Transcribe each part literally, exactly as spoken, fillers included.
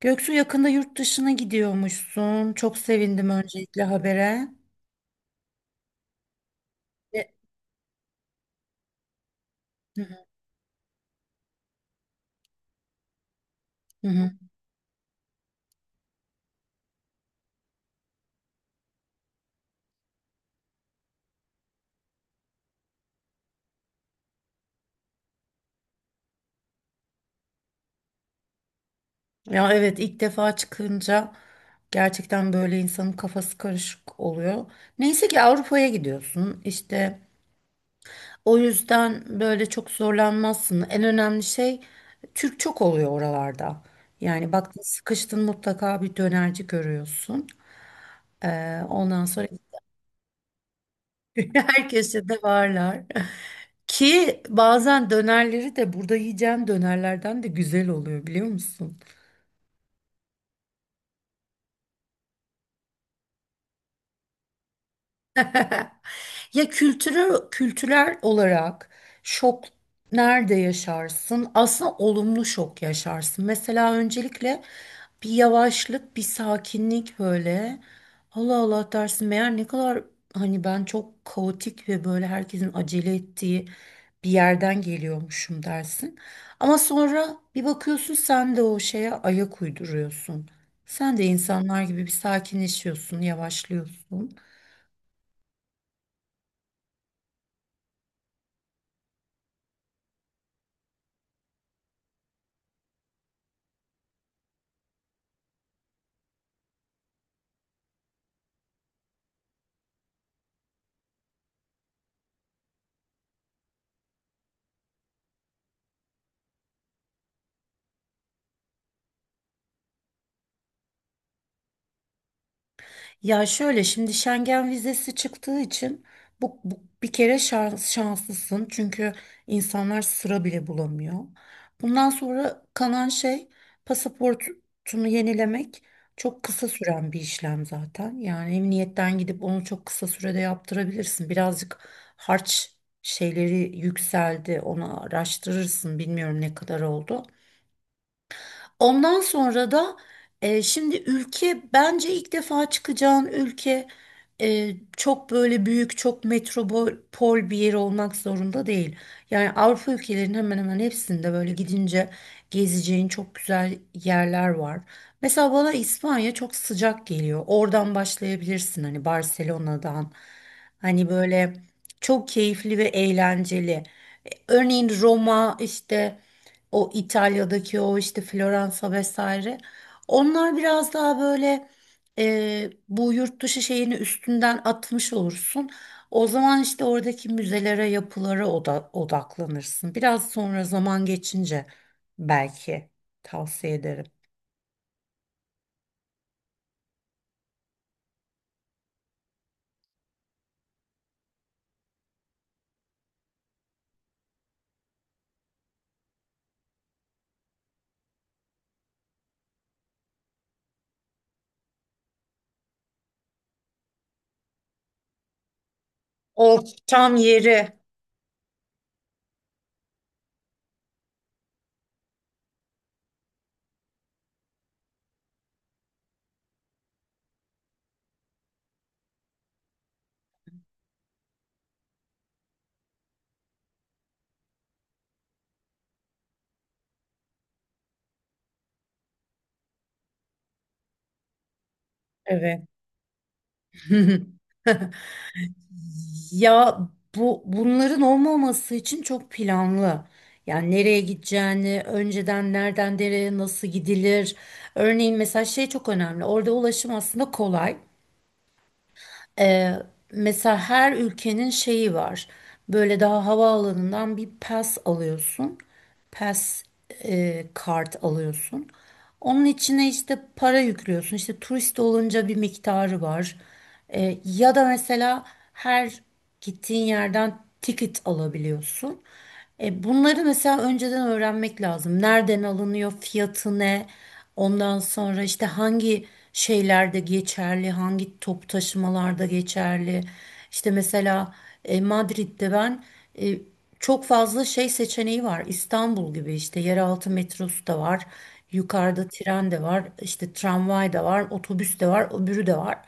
Göksu, yakında yurt dışına gidiyormuşsun. Çok sevindim öncelikle habere. Ve- Hı hı, hı hı. Ya, evet, ilk defa çıkınca gerçekten böyle insanın kafası karışık oluyor. Neyse ki Avrupa'ya gidiyorsun. İşte. O yüzden böyle çok zorlanmazsın. En önemli şey, Türk çok oluyor oralarda. Yani baktın sıkıştın mutlaka bir dönerci görüyorsun. Ee, ondan sonra herkese de varlar. Ki bazen dönerleri de burada yiyeceğim dönerlerden de güzel oluyor, biliyor musun? Ya, kültürel, kültürel olarak şok nerede yaşarsın? Aslında olumlu şok yaşarsın. Mesela öncelikle bir yavaşlık, bir sakinlik böyle. Allah Allah dersin, meğer ne kadar hani ben çok kaotik ve böyle herkesin acele ettiği bir yerden geliyormuşum dersin. Ama sonra bir bakıyorsun, sen de o şeye ayak uyduruyorsun. Sen de insanlar gibi bir sakinleşiyorsun, yavaşlıyorsun. Ya şöyle, şimdi Schengen vizesi çıktığı için bu, bu bir kere şans, şanslısın, çünkü insanlar sıra bile bulamıyor. Bundan sonra kalan şey, pasaportunu yenilemek, çok kısa süren bir işlem zaten. Yani emniyetten gidip onu çok kısa sürede yaptırabilirsin. Birazcık harç şeyleri yükseldi, onu araştırırsın, bilmiyorum ne kadar oldu. Ondan sonra da e, şimdi ülke, bence ilk defa çıkacağın ülke e, çok böyle büyük, çok metropol bir yer olmak zorunda değil. Yani Avrupa ülkelerinin hemen hemen hepsinde böyle gidince gezeceğin çok güzel yerler var. Mesela bana İspanya çok sıcak geliyor. Oradan başlayabilirsin, hani Barcelona'dan. Hani böyle çok keyifli ve eğlenceli. E, Örneğin Roma işte, o İtalya'daki, o işte Floransa vesaire. Onlar biraz daha böyle, e, bu yurt dışı şeyini üstünden atmış olursun. O zaman işte oradaki müzelere, yapılara oda- odaklanırsın. Biraz sonra, zaman geçince belki, tavsiye ederim. O tam yeri. Evet. Ya bu, bunların olmaması için çok planlı. Yani nereye gideceğini, önceden nereden nereye nasıl gidilir. Örneğin mesela şey çok önemli. Orada ulaşım aslında kolay. Ee, mesela her ülkenin şeyi var. Böyle daha havaalanından bir pass alıyorsun. Pass, e, kart alıyorsun. Onun içine işte para yüklüyorsun. İşte turist olunca bir miktarı var. Ee, ya da mesela her gittiğin yerden ticket alabiliyorsun. E bunları mesela önceden öğrenmek lazım. Nereden alınıyor, fiyatı ne? Ondan sonra işte hangi şeylerde geçerli, hangi top taşımalarda geçerli. İşte mesela e, Madrid'de ben, e, çok fazla şey seçeneği var. İstanbul gibi işte yeraltı metrosu da var. Yukarıda tren de var, işte tramvay da var, otobüs de var, öbürü de var.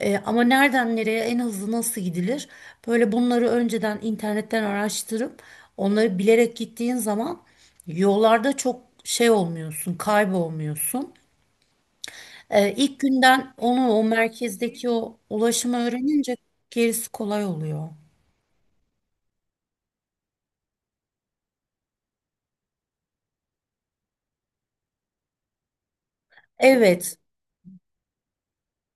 E, ama nereden nereye en hızlı nasıl gidilir? Böyle bunları önceden internetten araştırıp onları bilerek gittiğin zaman yollarda çok şey olmuyorsun, kaybolmuyorsun. E, ilk günden onu, o merkezdeki o ulaşımı öğrenince gerisi kolay oluyor. Evet,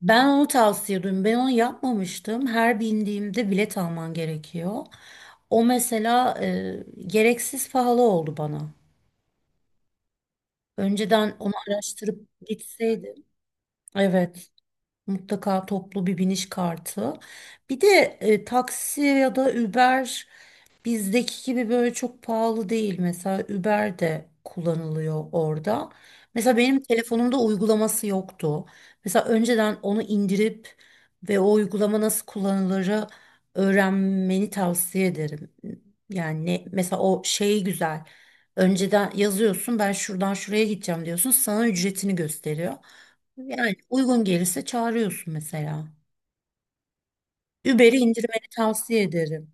ben onu tavsiye ediyorum. Ben onu yapmamıştım. Her bindiğimde bilet alman gerekiyor. O mesela e, gereksiz pahalı oldu bana. Önceden onu araştırıp gitseydim. Evet, mutlaka toplu bir biniş kartı. Bir de e, taksi ya da Uber bizdeki gibi böyle çok pahalı değil. Mesela Uber de kullanılıyor orada. Mesela benim telefonumda uygulaması yoktu. Mesela önceden onu indirip ve o uygulama nasıl kullanılırı öğrenmeni tavsiye ederim. Yani ne- mesela o şey güzel. Önceden yazıyorsun, ben şuradan şuraya gideceğim diyorsun. Sana ücretini gösteriyor. Yani uygun gelirse çağırıyorsun mesela. Uber'i indirmeni tavsiye ederim.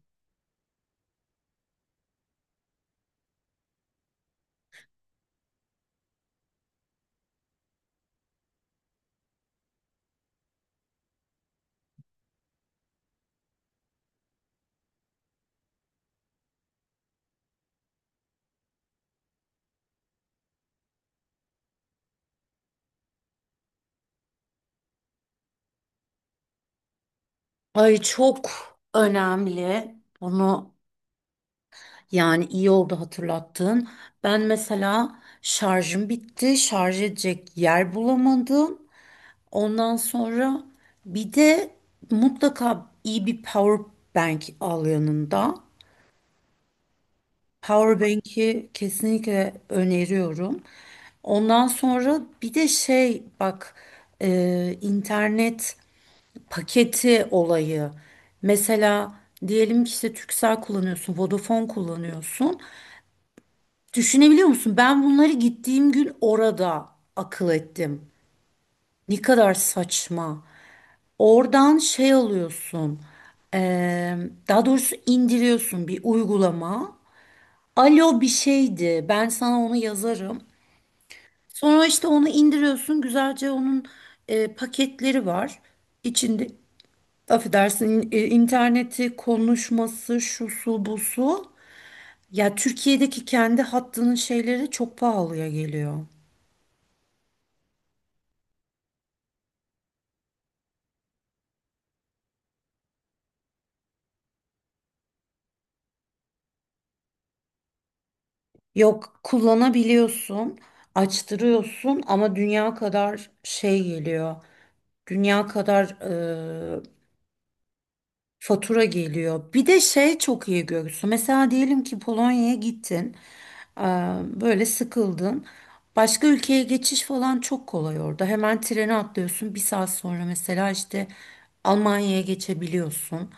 Ay, çok önemli. Bunu, yani, iyi oldu hatırlattın. Ben mesela şarjım bitti. Şarj edecek yer bulamadım. Ondan sonra bir de mutlaka iyi bir power bank al yanında. Power bank'i kesinlikle öneriyorum. Ondan sonra bir de şey bak, e, internet paketi olayı. Mesela diyelim ki işte Turkcell kullanıyorsun, Vodafone kullanıyorsun. Düşünebiliyor musun? Ben bunları gittiğim gün orada akıl ettim. Ne kadar saçma. Oradan şey alıyorsun. eee, daha doğrusu indiriyorsun bir uygulama. Alo bir şeydi. Ben sana onu yazarım. Sonra işte onu indiriyorsun. Güzelce onun eee, paketleri var. İçinde, affedersin, in- e, interneti, konuşması şu su bu su. Ya Türkiye'deki kendi hattının şeyleri çok pahalıya geliyor. Yok, kullanabiliyorsun, açtırıyorsun ama dünya kadar şey geliyor. Dünya kadar fatura geliyor. Bir de şey çok iyi görürsü. Mesela diyelim ki Polonya'ya gittin, eee, böyle sıkıldın. Başka ülkeye geçiş falan çok kolay orada. Hemen trene atlıyorsun. Bir saat sonra mesela işte Almanya'ya geçebiliyorsun.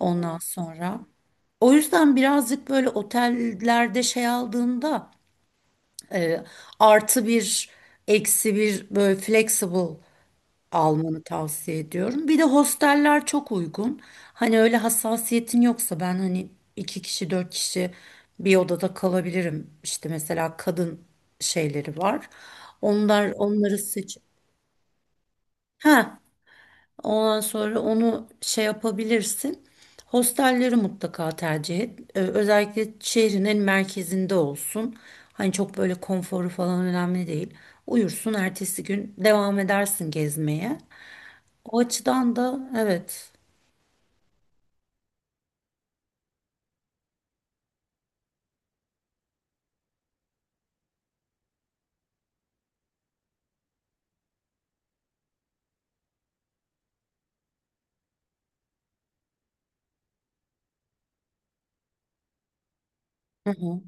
Ondan sonra. O yüzden birazcık böyle otellerde şey aldığında, eee, artı bir, eksi bir böyle flexible almanı tavsiye ediyorum. Bir de hosteller çok uygun. Hani öyle hassasiyetin yoksa, ben hani iki kişi dört kişi bir odada kalabilirim. İşte mesela kadın şeyleri var. Onlar, onları seç. Ha, ondan sonra onu şey yapabilirsin. Hostelleri mutlaka tercih et. Ee, özellikle şehrin en merkezinde olsun. Hani çok böyle konforu falan önemli değil. Uyursun, ertesi gün devam edersin gezmeye. O açıdan da evet. Hı hı.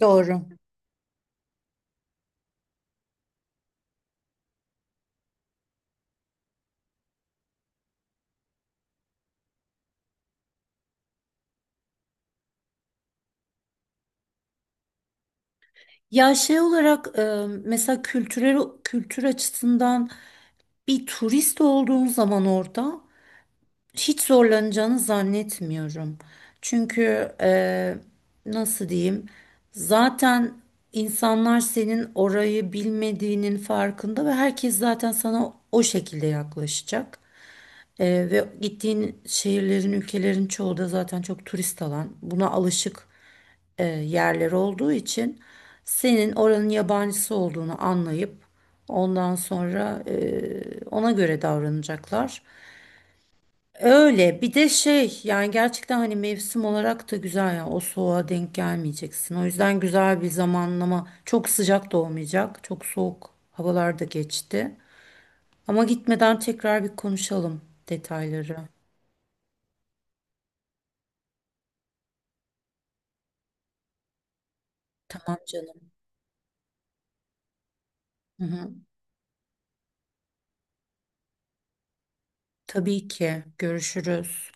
Doğru. Ya şey olarak e, mesela kültürel, kültür açısından bir turist olduğun zaman orada hiç zorlanacağını zannetmiyorum. Çünkü e, nasıl diyeyim, zaten insanlar senin orayı bilmediğinin farkında ve herkes zaten sana o şekilde yaklaşacak. E, ve gittiğin şehirlerin, ülkelerin çoğu da zaten çok turist alan, buna alışık e, yerler olduğu için senin oranın yabancısı olduğunu anlayıp ondan sonra e, ona göre davranacaklar. Öyle bir de şey, yani gerçekten hani mevsim olarak da güzel, ya o soğuğa denk gelmeyeceksin. O yüzden güzel bir zamanlama, çok sıcak da olmayacak, çok soğuk havalar da geçti. Ama gitmeden tekrar bir konuşalım detayları. Tamam canım. Hı hı. Tabii ki, görüşürüz.